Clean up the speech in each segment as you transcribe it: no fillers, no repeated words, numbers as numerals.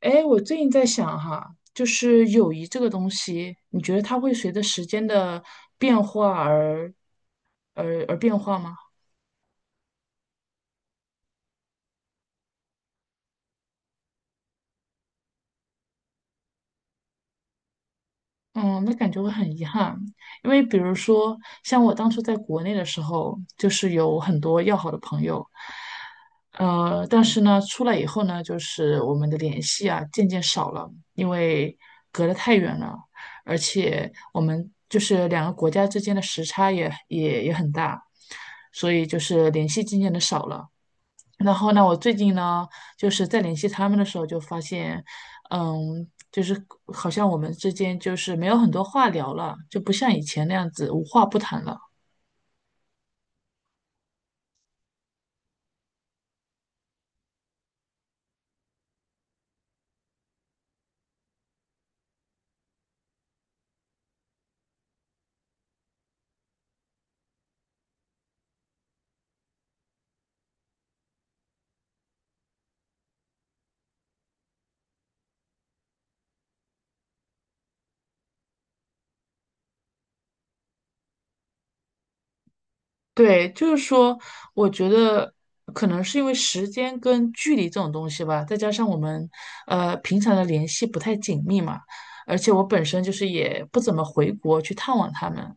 哎，我最近在想哈，就是友谊这个东西，你觉得它会随着时间的变化而变化吗？嗯，那感觉会很遗憾，因为比如说，像我当初在国内的时候，就是有很多要好的朋友。但是呢，出来以后呢，就是我们的联系啊，渐渐少了，因为隔得太远了，而且我们就是两个国家之间的时差也很大，所以就是联系渐渐的少了。然后呢，我最近呢，就是在联系他们的时候，就发现，嗯，就是好像我们之间就是没有很多话聊了，就不像以前那样子无话不谈了。对，就是说，我觉得可能是因为时间跟距离这种东西吧，再加上我们平常的联系不太紧密嘛，而且我本身就是也不怎么回国去探望他们。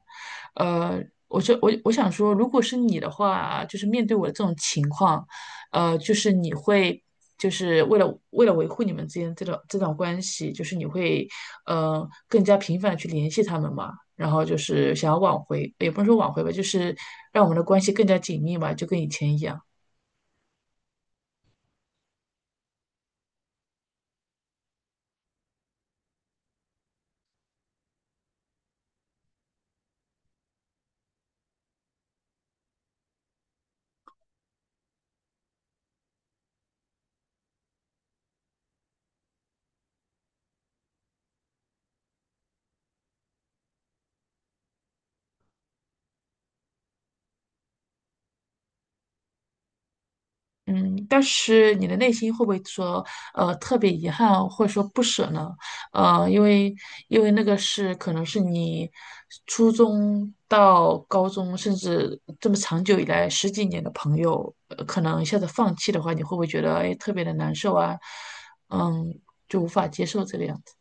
呃，我就我想说，如果是你的话，就是面对我的这种情况，就是你会。就是为了维护你们之间这段关系，就是你会更加频繁的去联系他们嘛？然后就是想要挽回，也不是说挽回吧，就是让我们的关系更加紧密嘛，就跟以前一样。嗯，但是你的内心会不会说，呃，特别遗憾或者说不舍呢？呃，因为因为那个是可能是你初中到高中，甚至这么长久以来十几年的朋友，呃可能一下子放弃的话，你会不会觉得哎特别的难受啊？嗯，就无法接受这个样子。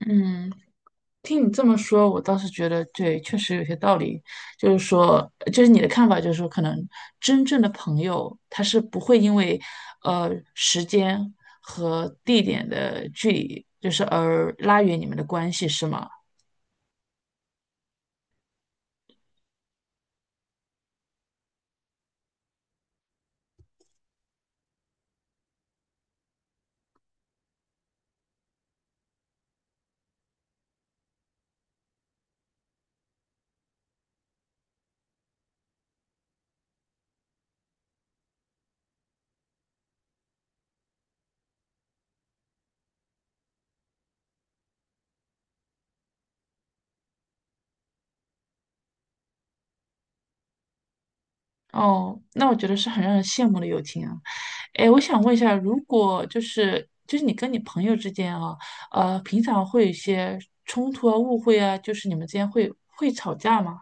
嗯，听你这么说，我倒是觉得对，确实有些道理。就是说，就是你的看法，就是说，可能真正的朋友，他是不会因为时间和地点的距离，就是而拉远你们的关系，是吗？哦，那我觉得是很让人羡慕的友情啊。哎，我想问一下，如果就是你跟你朋友之间啊，呃，平常会有一些冲突啊、误会啊，就是你们之间会吵架吗？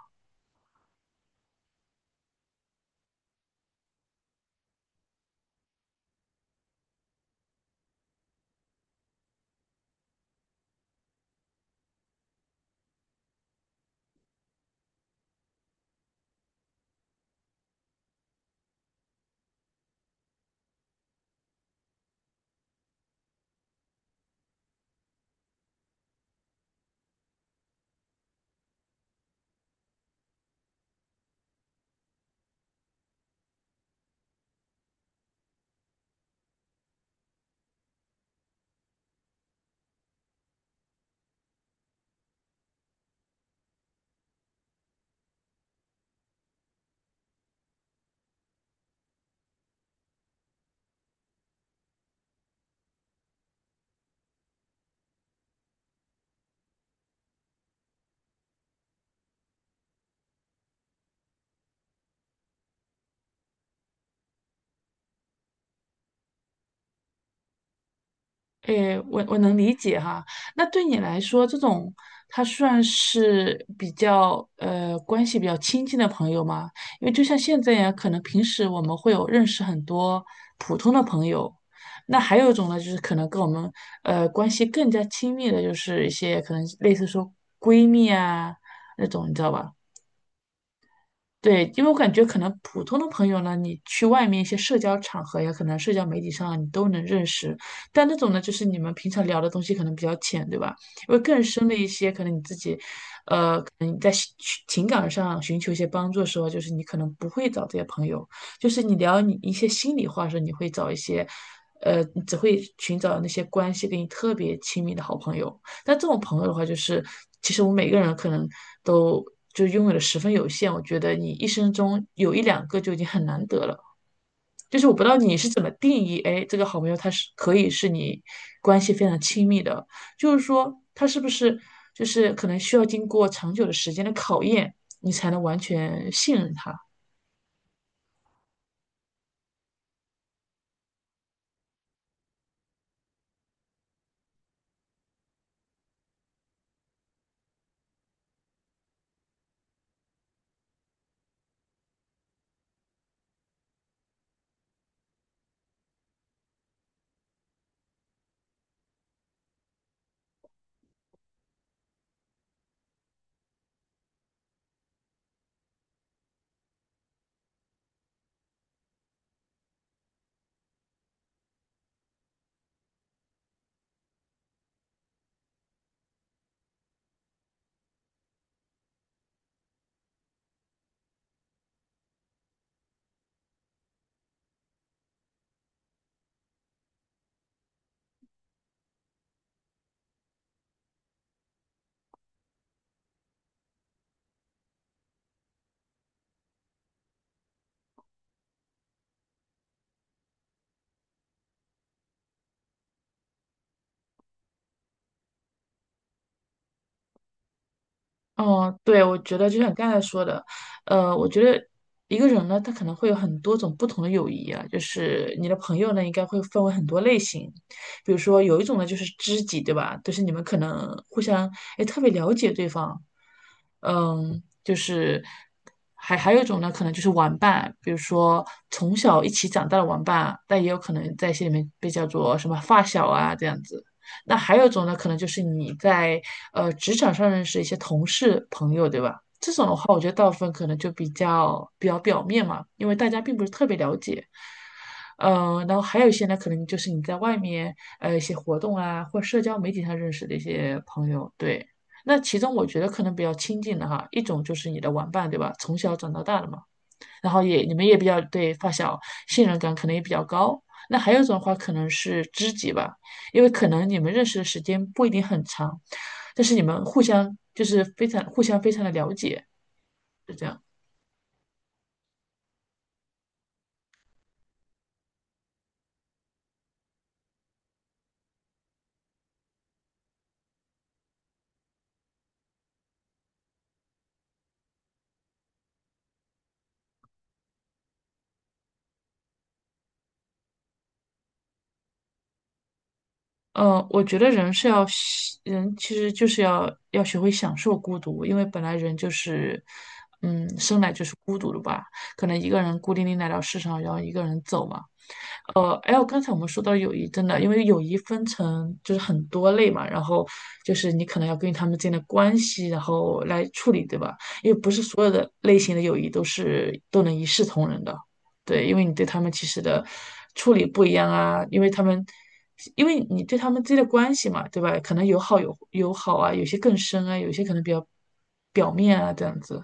诶，我能理解哈。那对你来说，这种他算是比较关系比较亲近的朋友吗？因为就像现在呀，可能平时我们会有认识很多普通的朋友，那还有一种呢，就是可能跟我们关系更加亲密的，就是一些可能类似说闺蜜啊那种，你知道吧？对，因为我感觉可能普通的朋友呢，你去外面一些社交场合呀，可能社交媒体上啊你都能认识，但那种呢，就是你们平常聊的东西可能比较浅，对吧？因为更深的一些，可能你自己，可能你在寻情感上寻求一些帮助的时候，就是你可能不会找这些朋友，就是你聊你一些心里话的时候，你会找一些，呃，你只会寻找那些关系跟你特别亲密的好朋友。但这种朋友的话，就是其实我们每个人可能都就拥有的十分有限。我觉得你一生中有一两个就已经很难得了。就是我不知道你是怎么定义，哎，这个好朋友他是可以是你关系非常亲密的，就是说他是不是就是可能需要经过长久的时间的考验，你才能完全信任他。嗯，对，我觉得就像你刚才说的，呃，我觉得一个人呢，他可能会有很多种不同的友谊啊，就是你的朋友呢，应该会分为很多类型，比如说有一种呢就是知己，对吧？就是你们可能互相哎特别了解对方，嗯，就是还有一种呢，可能就是玩伴，比如说从小一起长大的玩伴，但也有可能在心里面被叫做什么发小啊这样子。那还有一种呢，可能就是你在职场上认识一些同事朋友，对吧？这种的话，我觉得大部分可能就比较表面嘛，因为大家并不是特别了解。呃，然后还有一些呢，可能就是你在外面一些活动啊，或社交媒体上认识的一些朋友，对。那其中我觉得可能比较亲近的哈，一种就是你的玩伴，对吧？从小长到大的嘛。然后也你们也比较对发小信任感可能也比较高。那还有一种的话可能是知己吧，因为可能你们认识的时间不一定很长，但是你们互相就是非常的了解，是这样。呃，我觉得人是要喜人其实就是要学会享受孤独，因为本来人就是，嗯，生来就是孤独的吧。可能一个人孤零零来到世上，然后一个人走嘛。呃，哎，我刚才我们说到友谊，真的，因为友谊分成就是很多类嘛，然后就是你可能要根据他们之间的关系，然后来处理，对吧？因为不是所有的类型的友谊都是都能一视同仁的，对，因为你对他们其实的处理不一样啊，因为他们，因为你对他们之间的关系嘛，对吧？可能有好有好啊，有些更深啊，有些可能比较表面啊，这样子。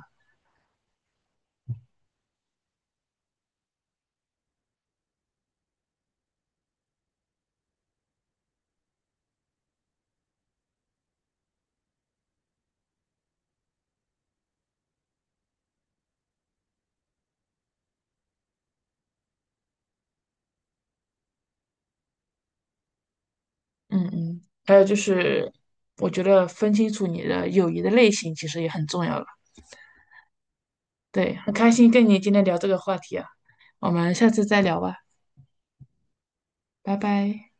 嗯嗯，还有就是，我觉得分清楚你的友谊的类型其实也很重要了。对，很开心跟你今天聊这个话题啊，我们下次再聊吧，拜拜。